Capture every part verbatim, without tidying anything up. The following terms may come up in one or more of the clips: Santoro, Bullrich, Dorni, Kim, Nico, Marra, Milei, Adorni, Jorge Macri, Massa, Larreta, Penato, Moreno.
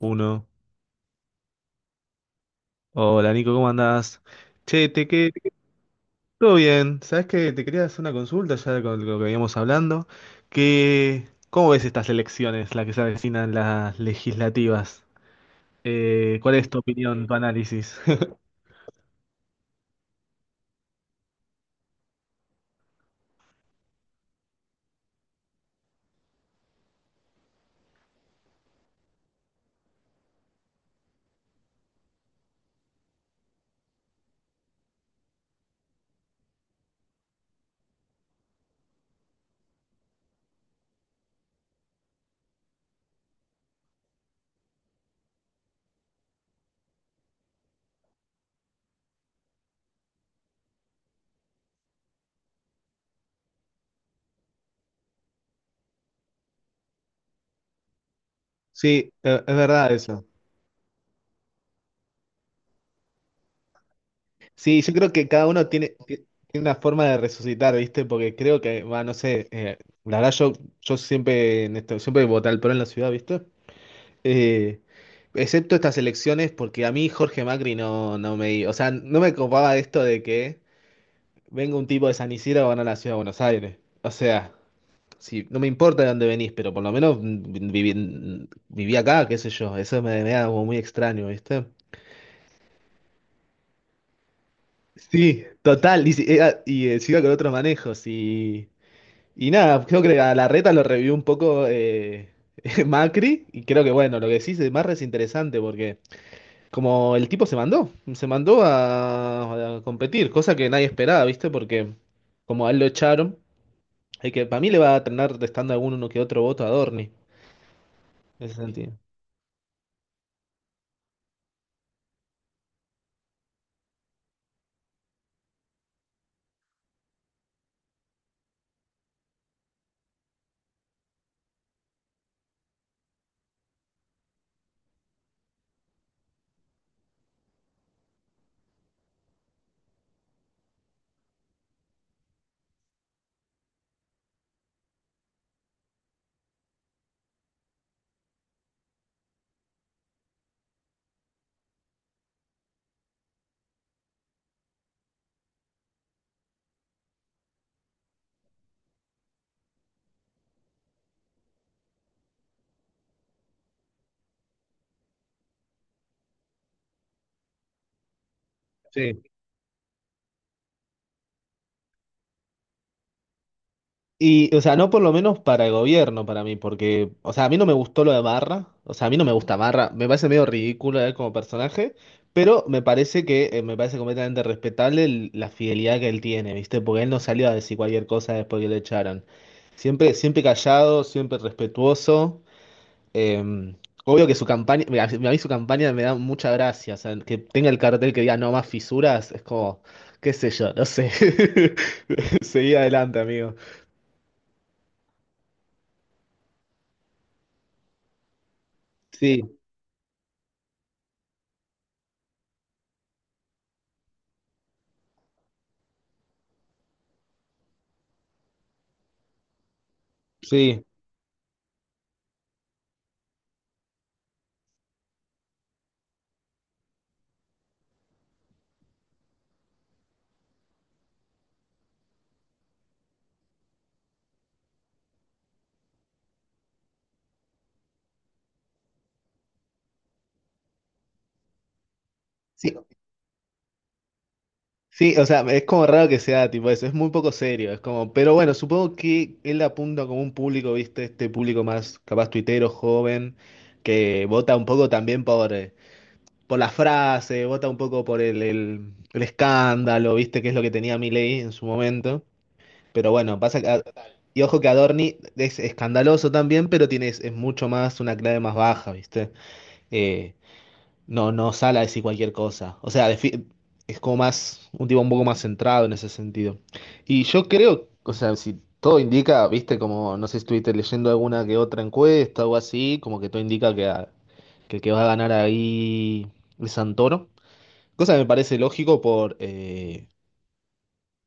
Uno. Hola Nico, ¿cómo andás? Che, te que te que- todo bien. ¿Sabés que te quería hacer una consulta ya con lo que veníamos hablando? Que, ¿cómo ves estas elecciones, las que se avecinan las legislativas? Eh, ¿cuál es tu opinión, tu análisis? Sí, e- es verdad eso. Sí, yo creo que cada uno tiene, ti- tiene una forma de resucitar, ¿viste? Porque creo que, va, no sé, eh, la verdad yo, yo siempre, en esto, siempre voté al PRO en la ciudad, ¿viste? Eh, Excepto estas elecciones, porque a mí Jorge Macri no, no me... O sea, no me copaba esto de que venga un tipo de San Isidro a ganar la ciudad de Buenos Aires. O sea, si, no me importa de dónde venís, pero por lo menos mm, viví, viví acá, qué sé yo. Eso me, me da como muy extraño, ¿viste? Sí, total. Y, si- era- y eh, siga con otros manejos. Y, y nada, creo que a la reta lo revivió un poco eh, Macri. Y creo que, bueno, lo que sí es más es interesante porque... Como el tipo se mandó, se mandó a, a competir, cosa que nadie esperaba, ¿viste? Porque como a él lo echaron, hay que para mí le va a terminar restando alguno que otro voto a Dorni, en ese sentido. Sí. Y, o sea, no por lo menos para el gobierno, para mí, porque, o sea, a mí no me gustó lo de Marra, o sea, a mí no me gusta Marra, me parece medio ridículo él como personaje, pero me parece que, eh, me parece completamente respetable el- la fidelidad que él tiene, ¿viste? Porque él no salió a decir cualquier cosa después que lo echaron. Siempre, siempre callado, siempre respetuoso. Eh, Obvio que su campaña, mira, a mí su campaña me da mucha gracia, o sea, que tenga el cartel que diga no más fisuras, es como, qué sé yo, no sé. Seguí adelante, amigo. Sí, sí, sí, sí, o sea, es como raro que sea tipo eso, es muy poco serio, es como, pero bueno, supongo que él apunta como un público, viste, este público más capaz tuitero, joven, que vota un poco también por... eh, por la frase, vota un poco por el, el, el escándalo, viste, que es lo que tenía Milei en su momento. Pero bueno, pasa que. Y ojo que Adorni es escandaloso también, pero tiene, es, es mucho más, una clave más baja, ¿viste? Eh, no, no sale a decir cualquier cosa. O sea, defi- es como más, un tipo un poco más centrado en ese sentido. Y yo creo, o sea, si todo indica, ¿viste? Como, no sé si estuviste leyendo alguna que otra encuesta o así, como que todo indica que, a- que el que va a ganar ahí es Santoro. Cosa que me parece lógico por, eh,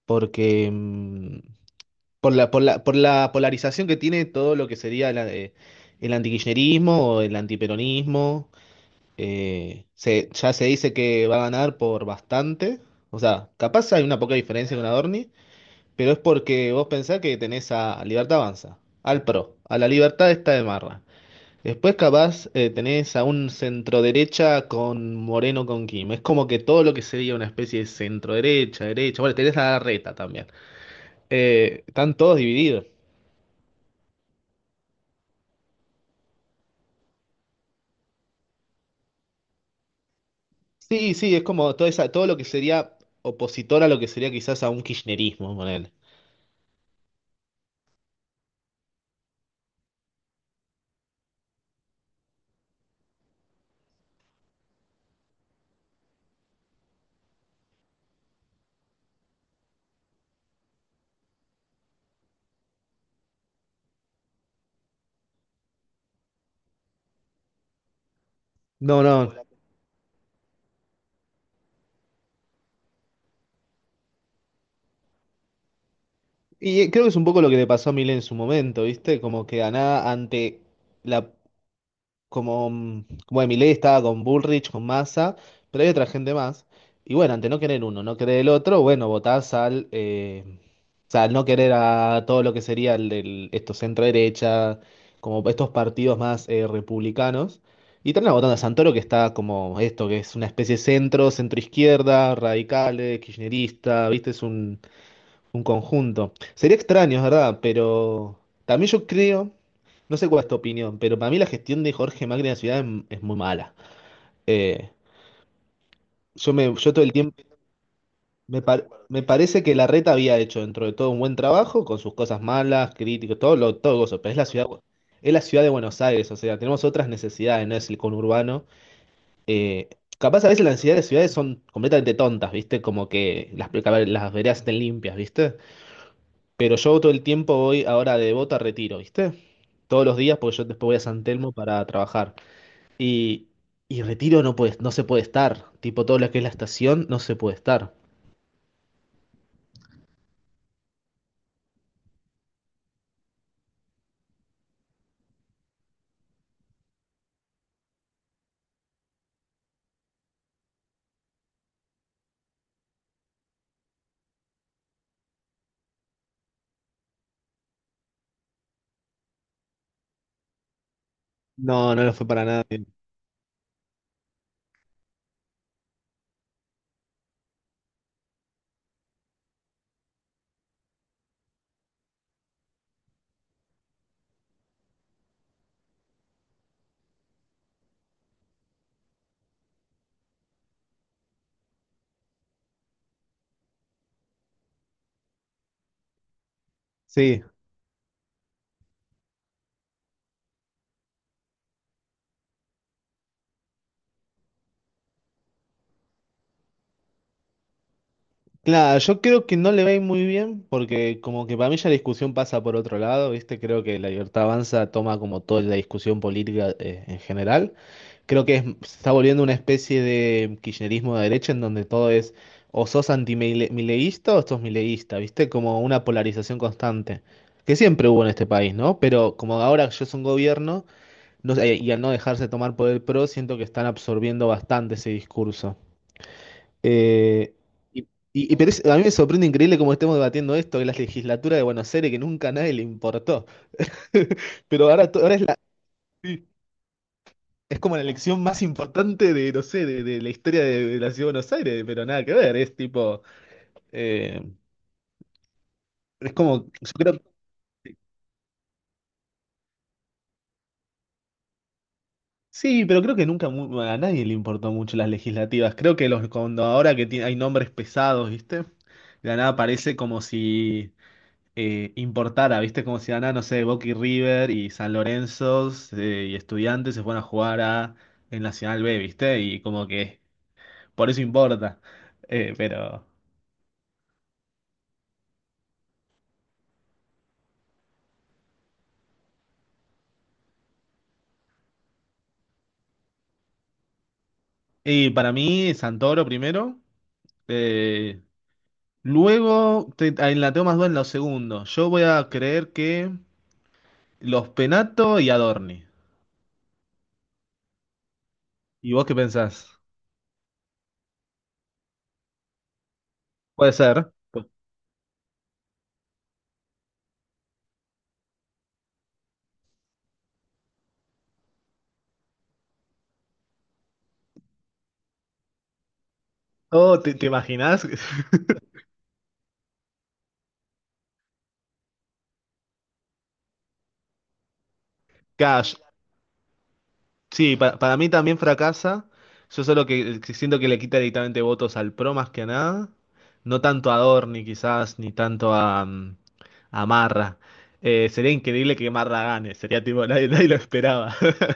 porque... mm, por la, por la, por la polarización que tiene todo lo que sería la- eh, el antikirchnerismo o el antiperonismo, eh, se, ya se dice que va a ganar por bastante. O sea, capaz hay una poca diferencia con Adorni, pero es porque vos pensás que tenés a Libertad Avanza, al PRO, a la Libertad está de Marra. Después capaz eh, tenés a un centro derecha con Moreno con Kim. Es como que todo lo que sería una especie de centro derecha, derecha. Bueno, tenés a la reta también. Eh, están todos divididos. Sí, sí, es como toda esa, todo lo que sería opositor a lo que sería quizás a un kirchnerismo con él. No, no. Y eh, creo que es un poco lo que le pasó a Milei en su momento, ¿viste? Como que a nada ante la como, mm, como de Milei estaba con Bullrich, con Massa, pero hay otra gente más. Y bueno, ante no querer uno, no querer el otro, bueno, votás al, eh, o sea, al no querer a todo lo que sería el, el- esto centro derecha, como estos partidos más eh, republicanos. Y termina votando a Santoro, que está como esto, que es una especie de centro, centro izquierda, radicales, kirchnerista, ¿viste? Es un, un conjunto. Sería extraño, es verdad, pero también yo creo, no sé cuál es tu opinión, pero para mí la gestión de Jorge Macri en la ciudad es, es muy mala. Eh, yo me, yo todo el tiempo me, par- me parece que Larreta había hecho dentro de todo un buen trabajo con sus cosas malas, críticas, todo lo, todo eso, pero es la ciudad, es la ciudad de Buenos Aires, o sea, tenemos otras necesidades, no es el conurbano. Eh, Capaz a veces las necesidades de ciudades son completamente tontas, ¿viste? Como que las, a ver, las veredas estén limpias, ¿viste? Pero yo todo el tiempo voy ahora de Bota a Retiro, ¿viste? Todos los días, porque yo después voy a San Telmo para trabajar. Y, y Retiro no puede, no se puede estar. Tipo, todo lo que es la estación no se puede estar. No, no lo fue para nada bien. Sí. Claro, yo creo que no le va a ir muy bien, porque como que para mí ya la discusión pasa por otro lado, ¿viste? Creo que la libertad avanza toma como toda la discusión política eh, en general. Creo que es- se está volviendo una especie de kirchnerismo de derecha en donde todo es o sos antimileísta o sos mileísta, ¿viste? Como una polarización constante, que siempre hubo en este país, ¿no? Pero como ahora yo soy un gobierno, no sé, y al no dejarse tomar por el PRO, siento que están absorbiendo bastante ese discurso. Eh, y, y- y- pero es- a mí me sorprende increíble cómo estemos debatiendo esto, que la legislatura de Buenos Aires, que nunca a nadie le importó. Pero ahora, to- ahora es la... sí, es como la elección más importante de, no sé, de, de la historia de, de la ciudad de Buenos Aires, pero nada que ver, es tipo, eh, es como, yo creo, sí, pero creo que nunca mu- a nadie le importó mucho las legislativas. Creo que los, cuando ahora que ti- hay nombres pesados, ¿viste? De la nada parece como si eh, importara, ¿viste? Como si de la nada, no sé, Boca y River y San Lorenzo eh, y Estudiantes se fueran a jugar a, en Nacional B, ¿viste? Y como que por eso importa. Eh, pero... y para mí, Santoro primero. eh, Luego te, ahí la tengo más duda en los segundos. Yo voy a creer que los Penato y Adorni. ¿Y vos qué pensás? Puede ser. Oh, ¿te, te imaginás? Cash. Sí, pa- para mí también fracasa. Yo solo que, eh, que siento que le quita directamente votos al PRO más que a nada. No tanto a Adorni quizás, ni tanto a, mm, a Marra. Eh, sería increíble que Marra gane. Sería tipo, nadie, nadie lo esperaba.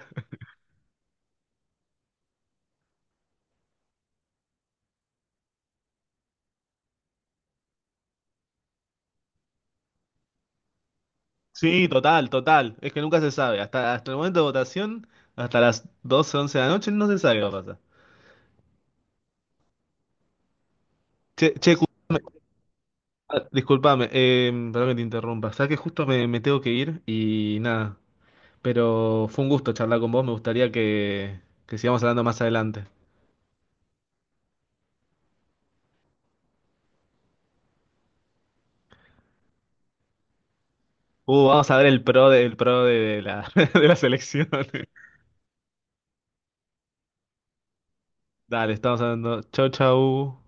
Sí, total, total. Es que nunca se sabe. Hasta, hasta el momento de votación, hasta las doce once de la noche, no se sabe qué va a pasar. Che, che, disculpame, disculpame, eh, perdón que te interrumpa. Sabes que justo me, me tengo que ir y nada. Pero fue un gusto charlar con vos. Me gustaría que, que sigamos hablando más adelante. Uh, vamos a ver el pro de el pro de la, de la selección. Dale, estamos hablando. Chau, chau.